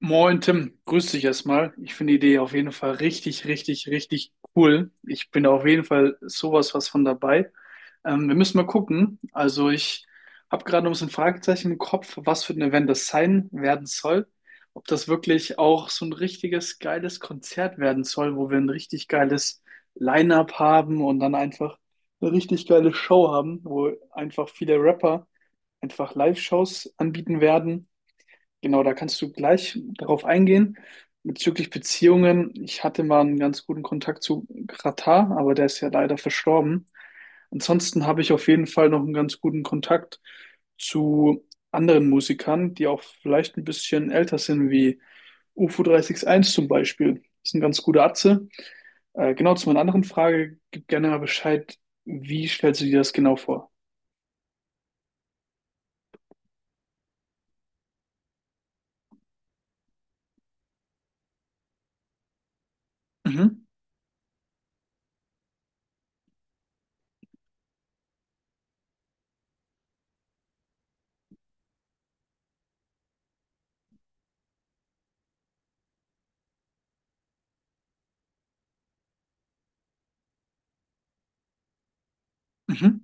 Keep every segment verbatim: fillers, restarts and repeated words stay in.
Moin Tim, grüß dich erstmal. Ich finde die Idee auf jeden Fall richtig, richtig, richtig cool. Ich bin auf jeden Fall sowas was von dabei. Ähm, wir müssen mal gucken. Also ich habe gerade noch ein bisschen Fragezeichen im Kopf, was für ein Event das sein werden soll. Ob das wirklich auch so ein richtiges geiles Konzert werden soll, wo wir ein richtig geiles Line-up haben und dann einfach eine richtig geile Show haben, wo einfach viele Rapper einfach Live-Shows anbieten werden. Genau, da kannst du gleich darauf eingehen. Bezüglich Beziehungen, ich hatte mal einen ganz guten Kontakt zu Katar, aber der ist ja leider verstorben. Ansonsten habe ich auf jeden Fall noch einen ganz guten Kontakt zu anderen Musikern, die auch vielleicht ein bisschen älter sind, wie UFO drei sechs eins zum Beispiel. Das ist ein ganz guter Atze. Äh, genau, zu meiner anderen Frage, gib gerne mal Bescheid, wie stellst du dir das genau vor? Mhm, mhm,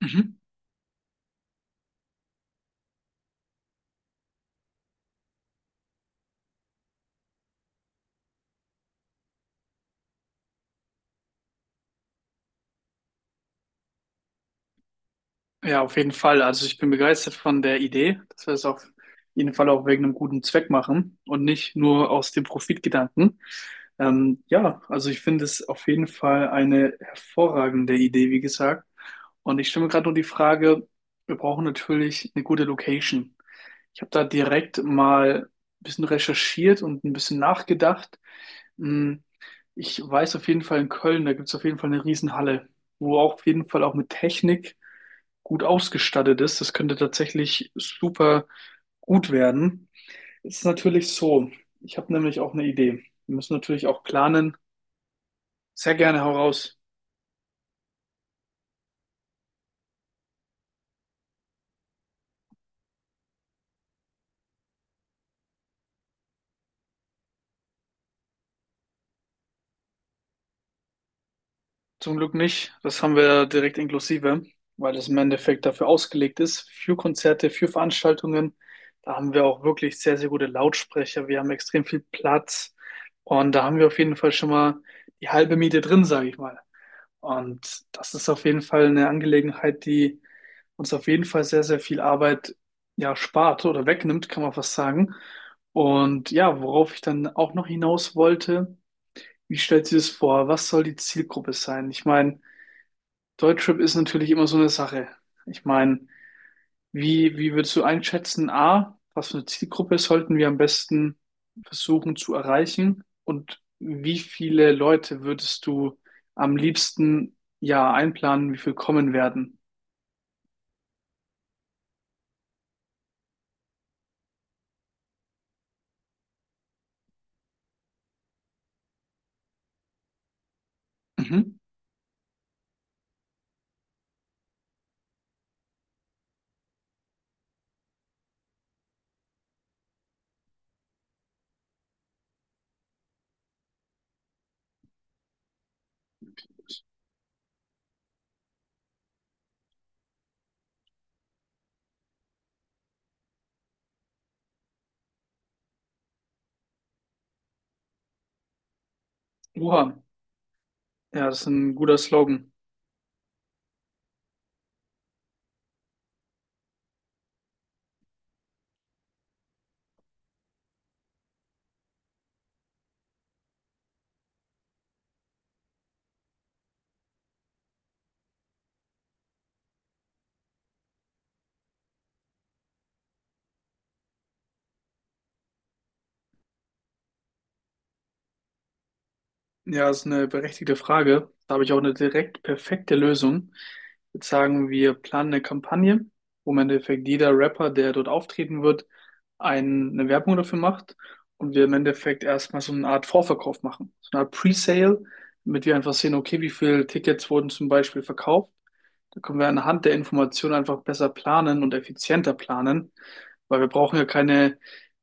mhm. Ja, auf jeden Fall. Also ich bin begeistert von der Idee, dass wir es auf jeden Fall auch wegen einem guten Zweck machen und nicht nur aus dem Profitgedanken. Ähm, ja, also ich finde es auf jeden Fall eine hervorragende Idee, wie gesagt. Und ich stelle mir gerade nur die Frage, wir brauchen natürlich eine gute Location. Ich habe da direkt mal ein bisschen recherchiert und ein bisschen nachgedacht. Hm, Ich weiß auf jeden Fall, in Köln, da gibt es auf jeden Fall eine Riesenhalle, wo auch auf jeden Fall auch mit Technik gut ausgestattet ist. Das könnte tatsächlich super gut werden. Es ist natürlich so, ich habe nämlich auch eine Idee. Wir müssen natürlich auch planen. Sehr gerne, hau raus. Zum Glück nicht. Das haben wir direkt inklusive, weil es im Endeffekt dafür ausgelegt ist, für Konzerte, für Veranstaltungen. Da haben wir auch wirklich sehr, sehr gute Lautsprecher. Wir haben extrem viel Platz. Und da haben wir auf jeden Fall schon mal die halbe Miete drin, sage ich mal. Und das ist auf jeden Fall eine Angelegenheit, die uns auf jeden Fall sehr, sehr viel Arbeit ja spart oder wegnimmt, kann man fast sagen. Und ja, worauf ich dann auch noch hinaus wollte, wie stellt sie das vor? Was soll die Zielgruppe sein? Ich meine, Deutschrap ist natürlich immer so eine Sache. Ich meine, wie, wie würdest du einschätzen, A, was für eine Zielgruppe sollten wir am besten versuchen zu erreichen? Und wie viele Leute würdest du am liebsten ja einplanen, wie viel kommen werden? Mhm. Oha, ja, das ist ein guter Slogan. Ja, ist eine berechtigte Frage. Da habe ich auch eine direkt perfekte Lösung. Jetzt sagen, wir planen eine Kampagne, wo im Endeffekt jeder Rapper, der dort auftreten wird, ein, eine Werbung dafür macht, und wir im Endeffekt erstmal so eine Art Vorverkauf machen, so eine Art Pre-Sale, damit wir einfach sehen, okay, wie viele Tickets wurden zum Beispiel verkauft. Da können wir anhand der Informationen einfach besser planen und effizienter planen, weil wir brauchen ja keine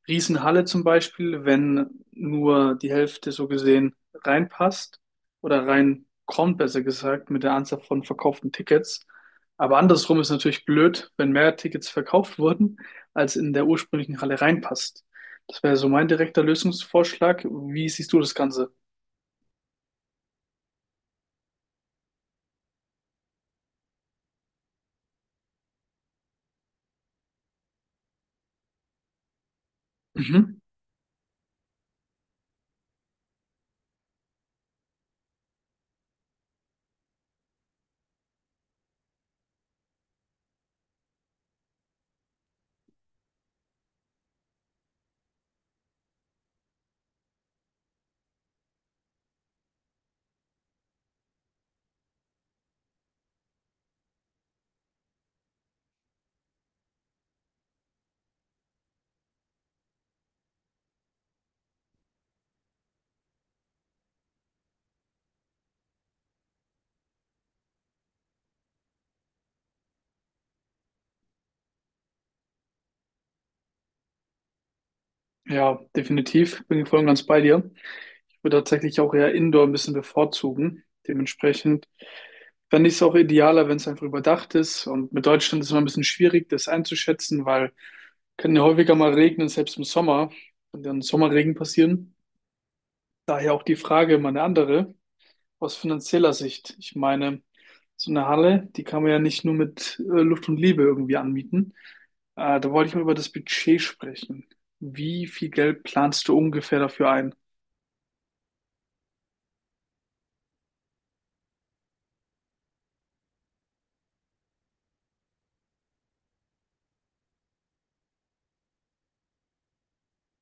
Riesenhalle zum Beispiel, wenn nur die Hälfte so gesehen reinpasst oder reinkommt, besser gesagt, mit der Anzahl von verkauften Tickets. Aber andersrum ist natürlich blöd, wenn mehr Tickets verkauft wurden, als in der ursprünglichen Halle reinpasst. Das wäre so mein direkter Lösungsvorschlag. Wie siehst du das Ganze? Mhm. Ja, definitiv. Bin ich voll und ganz bei dir. Ich würde tatsächlich auch eher Indoor ein bisschen bevorzugen. Dementsprechend fände ich es auch idealer, wenn es einfach überdacht ist. Und mit Deutschland ist es immer ein bisschen schwierig, das einzuschätzen, weil kann ja häufiger mal regnen, selbst im Sommer. Kann dann Sommerregen passieren. Daher auch die Frage, immer eine andere aus finanzieller Sicht. Ich meine, so eine Halle, die kann man ja nicht nur mit äh, Luft und Liebe irgendwie anmieten. Äh, da wollte ich mal über das Budget sprechen. Wie viel Geld planst du ungefähr dafür ein?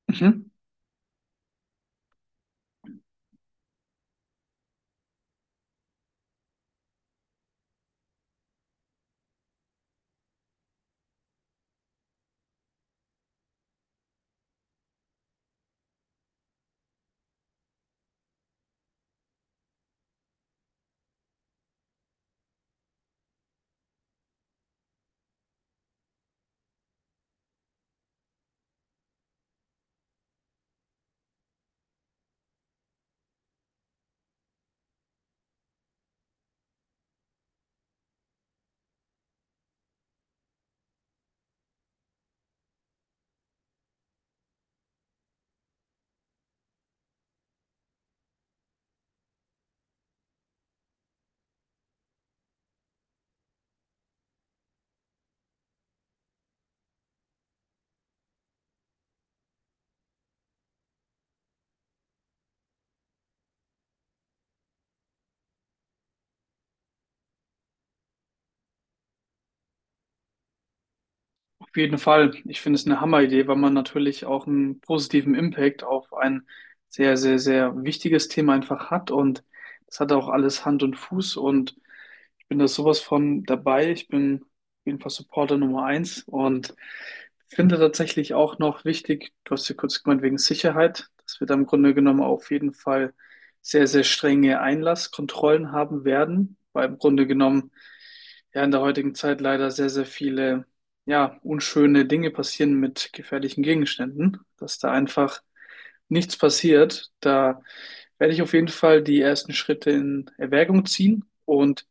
Mhm. Auf jeden Fall. Ich finde es eine Hammeridee, weil man natürlich auch einen positiven Impact auf ein sehr, sehr, sehr wichtiges Thema einfach hat. Und das hat auch alles Hand und Fuß. Und ich bin da sowas von dabei. Ich bin auf jeden Fall Supporter Nummer eins und finde tatsächlich auch noch wichtig, du hast ja kurz gemeint, wegen Sicherheit, dass wir da im Grunde genommen auf jeden Fall sehr, sehr strenge Einlasskontrollen haben werden, weil im Grunde genommen ja in der heutigen Zeit leider sehr, sehr viele ja, unschöne Dinge passieren mit gefährlichen Gegenständen, dass da einfach nichts passiert. Da werde ich auf jeden Fall die ersten Schritte in Erwägung ziehen und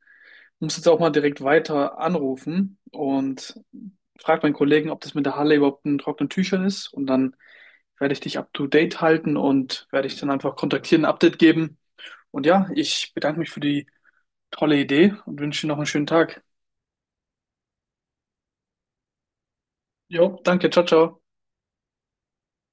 muss jetzt auch mal direkt weiter anrufen und frage meinen Kollegen, ob das mit der Halle überhaupt in trockenen Tüchern ist. Und dann werde ich dich up to date halten und werde dich dann einfach kontaktieren, ein Update geben. Und ja, ich bedanke mich für die tolle Idee und wünsche dir noch einen schönen Tag. Jo, danke, ciao, ciao.